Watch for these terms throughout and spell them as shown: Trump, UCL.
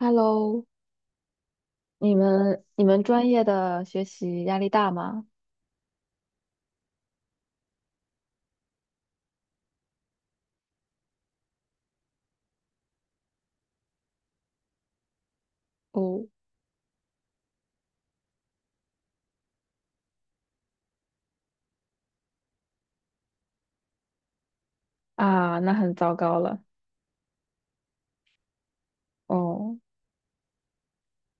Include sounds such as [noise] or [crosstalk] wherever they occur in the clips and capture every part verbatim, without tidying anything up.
Hello，你们你们专业的学习压力大吗？哦，啊，那很糟糕了。哦，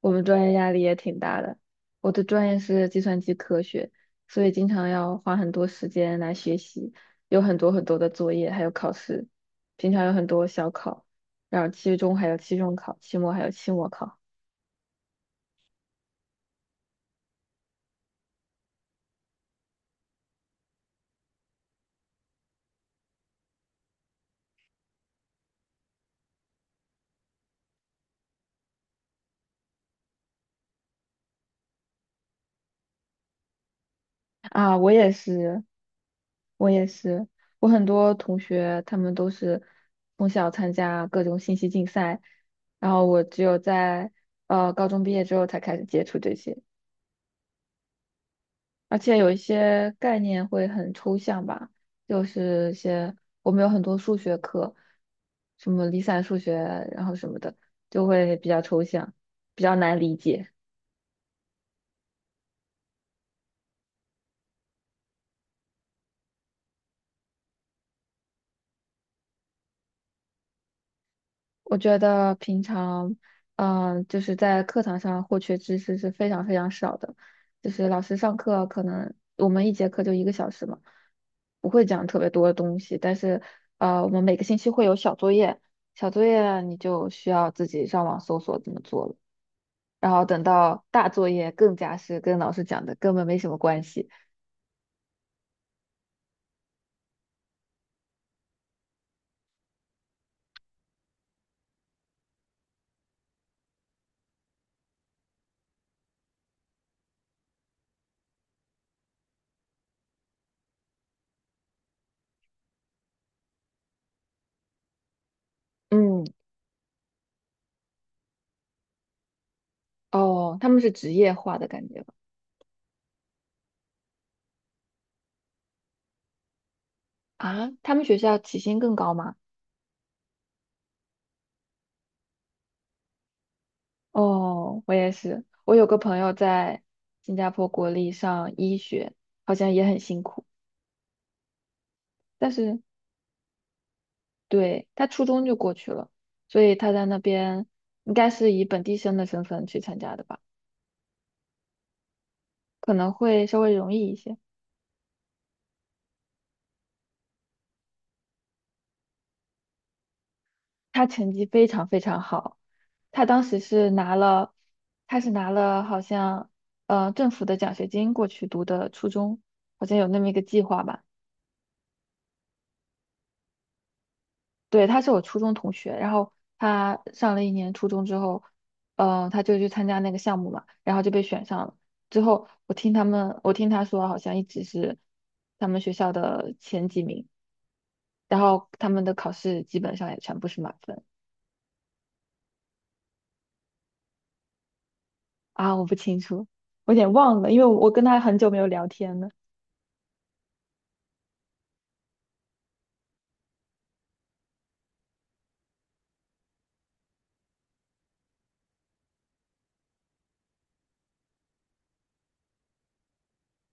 我们专业压力也挺大的。我的专业是计算机科学，所以经常要花很多时间来学习，有很多很多的作业，还有考试。平常有很多小考，然后期中还有期中考，期末还有期末考。啊，我也是。我也是，我很多同学他们都是从小参加各种信息竞赛，然后我只有在呃高中毕业之后才开始接触这些，而且有一些概念会很抽象吧，就是一些我们有很多数学课，什么离散数学，然后什么的，就会比较抽象，比较难理解。我觉得平常，嗯，就是在课堂上获取知识是非常非常少的，就是老师上课可能我们一节课就一个小时嘛，不会讲特别多的东西，但是，呃，我们每个星期会有小作业，小作业你就需要自己上网搜索怎么做了，然后等到大作业更加是跟老师讲的根本没什么关系。嗯，哦，他们是职业化的感觉吧。啊，他们学校起薪更高吗？哦，我也是。我有个朋友在新加坡国立上医学，好像也很辛苦，但是对，他初中就过去了，所以他在那边应该是以本地生的身份去参加的吧，可能会稍微容易一些。他成绩非常非常好，他当时是拿了，他是拿了好像呃政府的奖学金过去读的初中，好像有那么一个计划吧。对，他是我初中同学，然后他上了一年初中之后，呃，他就去参加那个项目嘛，然后就被选上了。之后我听他们，我听他说，好像一直是他们学校的前几名，然后他们的考试基本上也全部是满分。啊，我不清楚，我有点忘了，因为我跟他很久没有聊天了。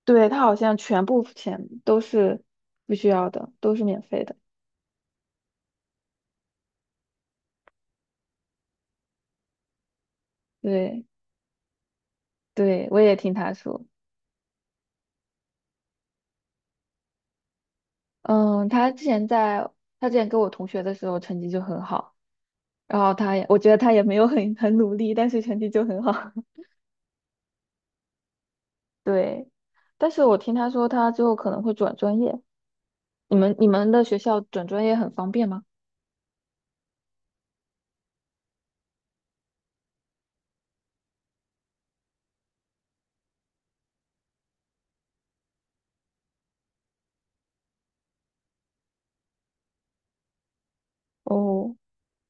对，他好像全部钱都是不需要的，都是免费的。对，对，我也听他说。嗯，他之前在他之前跟我同学的时候成绩就很好，然后他也我觉得他也没有很很努力，但是成绩就很好。[laughs] 对，但是我听他说他之后可能会转专业，你们你们的学校转专业很方便吗？哦，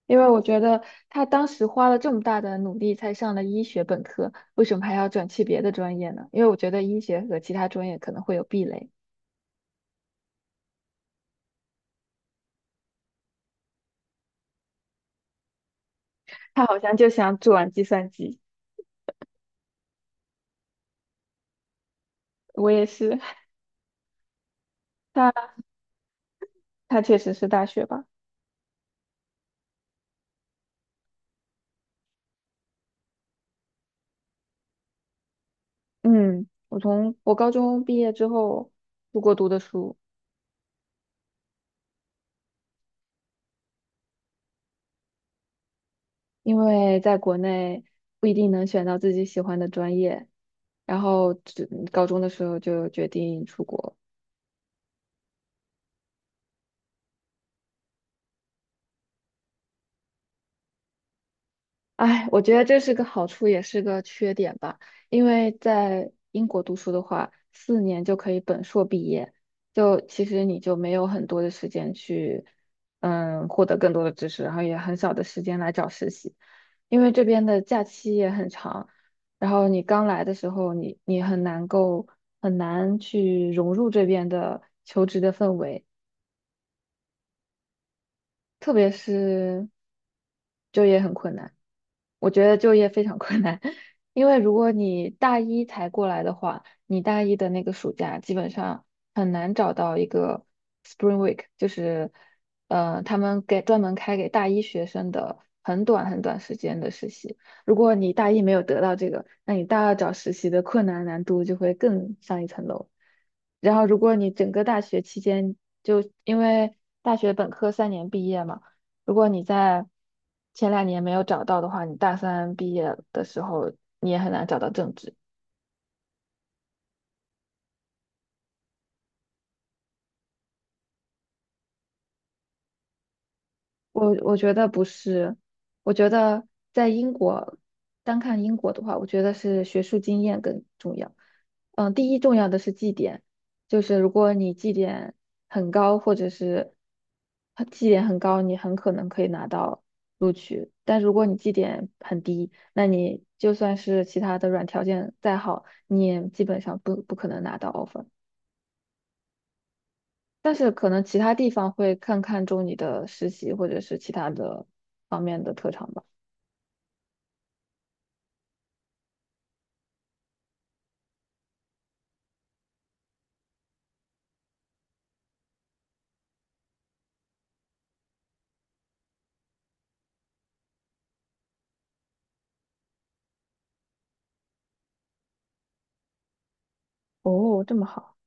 因为我觉得他当时花了这么大的努力才上了医学本科，为什么还要转去别的专业呢？因为我觉得医学和其他专业可能会有壁垒，[laughs] 他好像就想转计算机，我也是，[laughs] 他他确实是大学吧。嗯，我从我高中毕业之后出国读的书，因为在国内不一定能选到自己喜欢的专业，然后只高中的时候就决定出国。哎，我觉得这是个好处，也是个缺点吧。因为在英国读书的话，四年就可以本硕毕业，就其实你就没有很多的时间去，嗯，获得更多的知识，然后也很少的时间来找实习，因为这边的假期也很长，然后你刚来的时候你，你很难够很难去融入这边的求职的氛围。特别是就业很困难。我觉得就业非常困难，[laughs] 因为如果你大一才过来的话，你大一的那个暑假基本上很难找到一个 Spring Week，就是呃他们给专门开给大一学生的很短很短时间的实习。如果你大一没有得到这个，那你大二找实习的困难难度就会更上一层楼。然后，如果你整个大学期间就因为大学本科三年毕业嘛，如果你在前两年没有找到的话，你大三毕业的时候你也很难找到正职。我我觉得不是，我觉得在英国，单看英国的话，我觉得是学术经验更重要。嗯，第一重要的是绩点，就是如果你绩点很高，或者是很绩点很高，你很可能可以拿到录取。但如果你绩点很低，那你就算是其他的软条件再好，你也基本上不不可能拿到 offer。但是可能其他地方会更看重你的实习或者是其他的方面的特长吧。哦，这么好，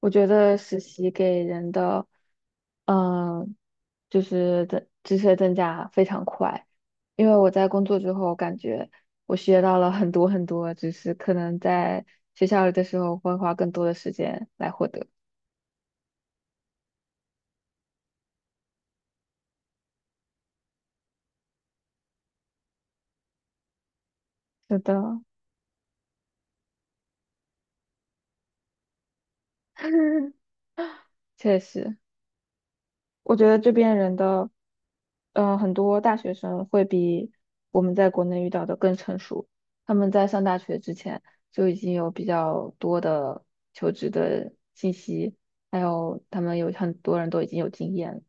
我觉得实习给人的，嗯、就是增知识的增加非常快，因为我在工作之后感觉我学到了很多很多，知识，可能在学校里的时候会花更多的时间来获得。是的，[laughs] 确实。我觉得这边人的，嗯，很多大学生会比我们在国内遇到的更成熟。他们在上大学之前就已经有比较多的求职的信息，还有他们有很多人都已经有经验了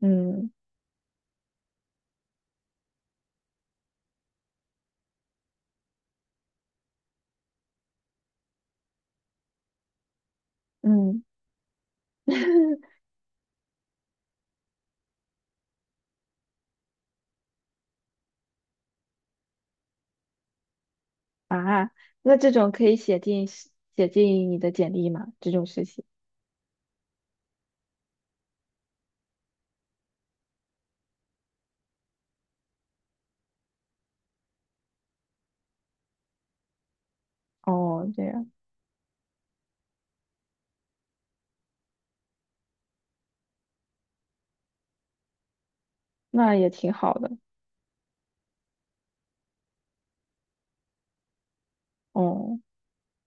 嗯嗯 [laughs] 啊，那这种可以写进写进你的简历吗？这种事情。哦，这样，那也挺好的。哦。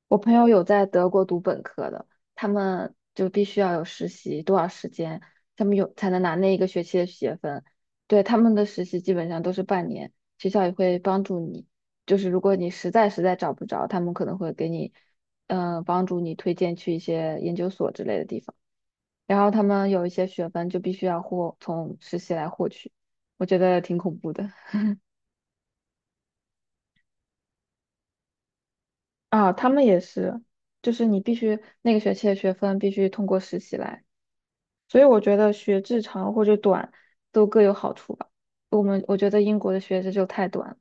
我朋友有在德国读本科的，他们就必须要有实习多少时间，他们有才能拿那一个学期的学分。对，他们的实习基本上都是半年，学校也会帮助你，就是如果你实在实在找不着，他们可能会给你，嗯、帮助你推荐去一些研究所之类的地方。然后他们有一些学分就必须要获从实习来获取，我觉得挺恐怖的啊。他们也是，就是你必须那个学期的学分必须通过实习来。所以我觉得学制长或者短都各有好处吧。我们我觉得英国的学制就太短了。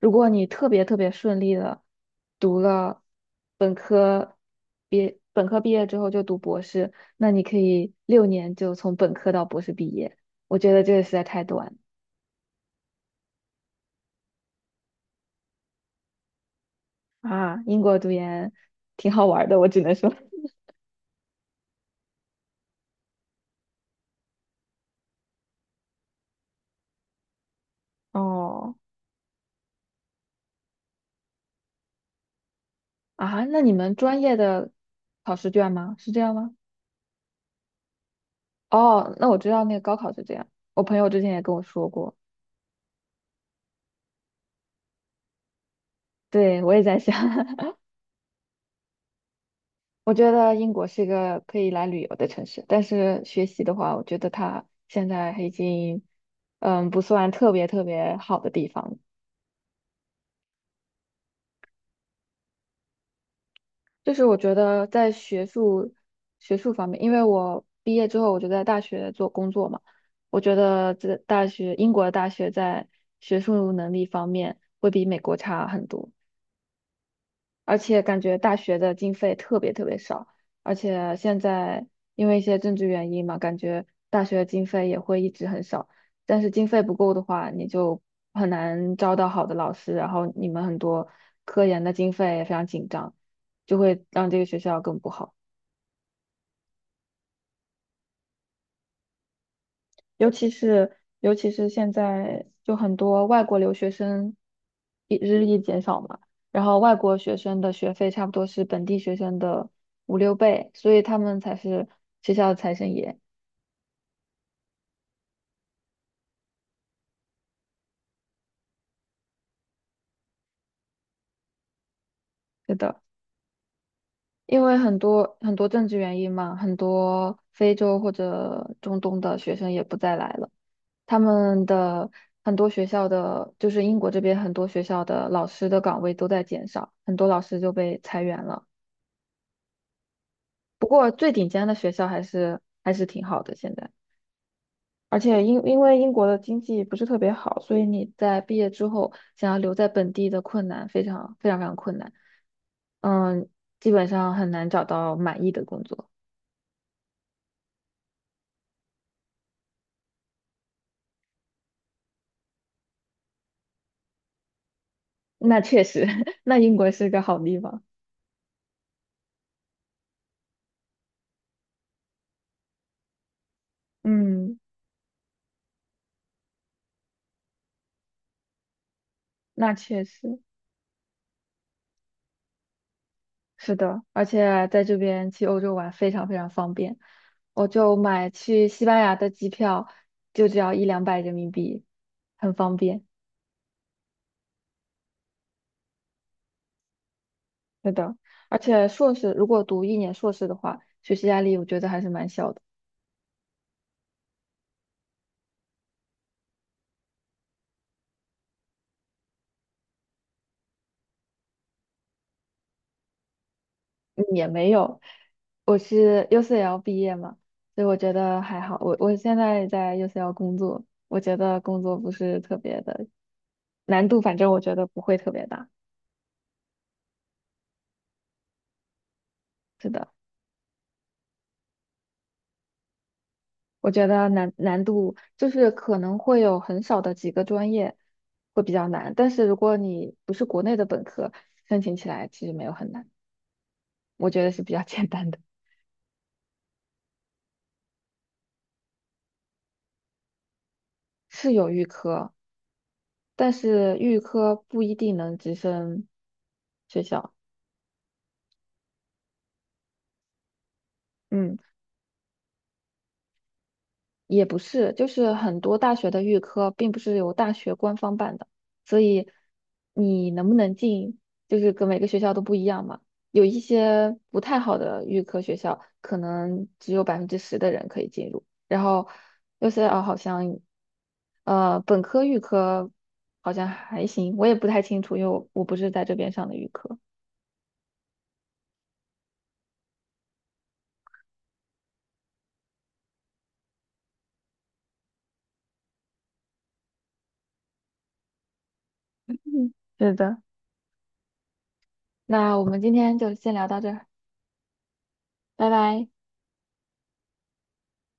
如果你特别特别顺利的读了本科，毕本科毕业之后就读博士，那你可以六年就从本科到博士毕业。我觉得这个实在太短啊！英国读研挺好玩儿的，我只能说。[laughs] 哦，啊，那你们专业的考试卷吗？是这样吗？哦，那我知道那个高考是这样，我朋友之前也跟我说过。对，我也在想，[laughs] 我觉得英国是一个可以来旅游的城市，但是学习的话，我觉得它现在已经，嗯，不算特别特别好的地方了。就是我觉得在学术学术方面，因为我毕业之后我就在大学做工作嘛，我觉得这大学英国的大学在学术能力方面会比美国差很多。而且感觉大学的经费特别特别少，而且现在因为一些政治原因嘛，感觉大学的经费也会一直很少。但是经费不够的话，你就很难招到好的老师，然后你们很多科研的经费也非常紧张，就会让这个学校更不好。尤其是尤其是现在就很多外国留学生一日益减少嘛，然后外国学生的学费差不多是本地学生的五六倍，所以他们才是学校的财神爷。是的，因为很多很多政治原因嘛，很多非洲或者中东的学生也不再来了，他们的。很多学校的，就是英国这边很多学校的老师的岗位都在减少，很多老师就被裁员了。不过最顶尖的学校还是还是挺好的，现在。而且因因为英国的经济不是特别好，所以你在毕业之后想要留在本地的困难非常非常非常困难。嗯，基本上很难找到满意的工作。那确实，[laughs] 那英国是个好地方。嗯，那确实是的，而且在这边去欧洲玩非常非常方便。我就买去西班牙的机票，就只要一两百人民币，很方便。是的，而且硕士如果读一年硕士的话，学习压力我觉得还是蛮小的，嗯也没有。我是 U C L 毕业嘛，所以我觉得还好。我我现在在 U C L 工作，我觉得工作不是特别的难度，反正我觉得不会特别大。是的，我觉得难难度就是可能会有很少的几个专业会比较难，但是如果你不是国内的本科，申请起来其实没有很难，我觉得是比较 [laughs] 简单的。是有预科。但是预科不一定能直升学校，嗯，也不是，就是很多大学的预科并不是由大学官方办的，所以你能不能进，就是跟每个学校都不一样嘛。有一些不太好的预科学校，可能只有百分之十的人可以进入，然后 U C L 好像，呃，本科预科好像还行，我也不太清楚，因为我我不是在这边上的预科。嗯，是的。那我们今天就先聊到这儿，拜拜。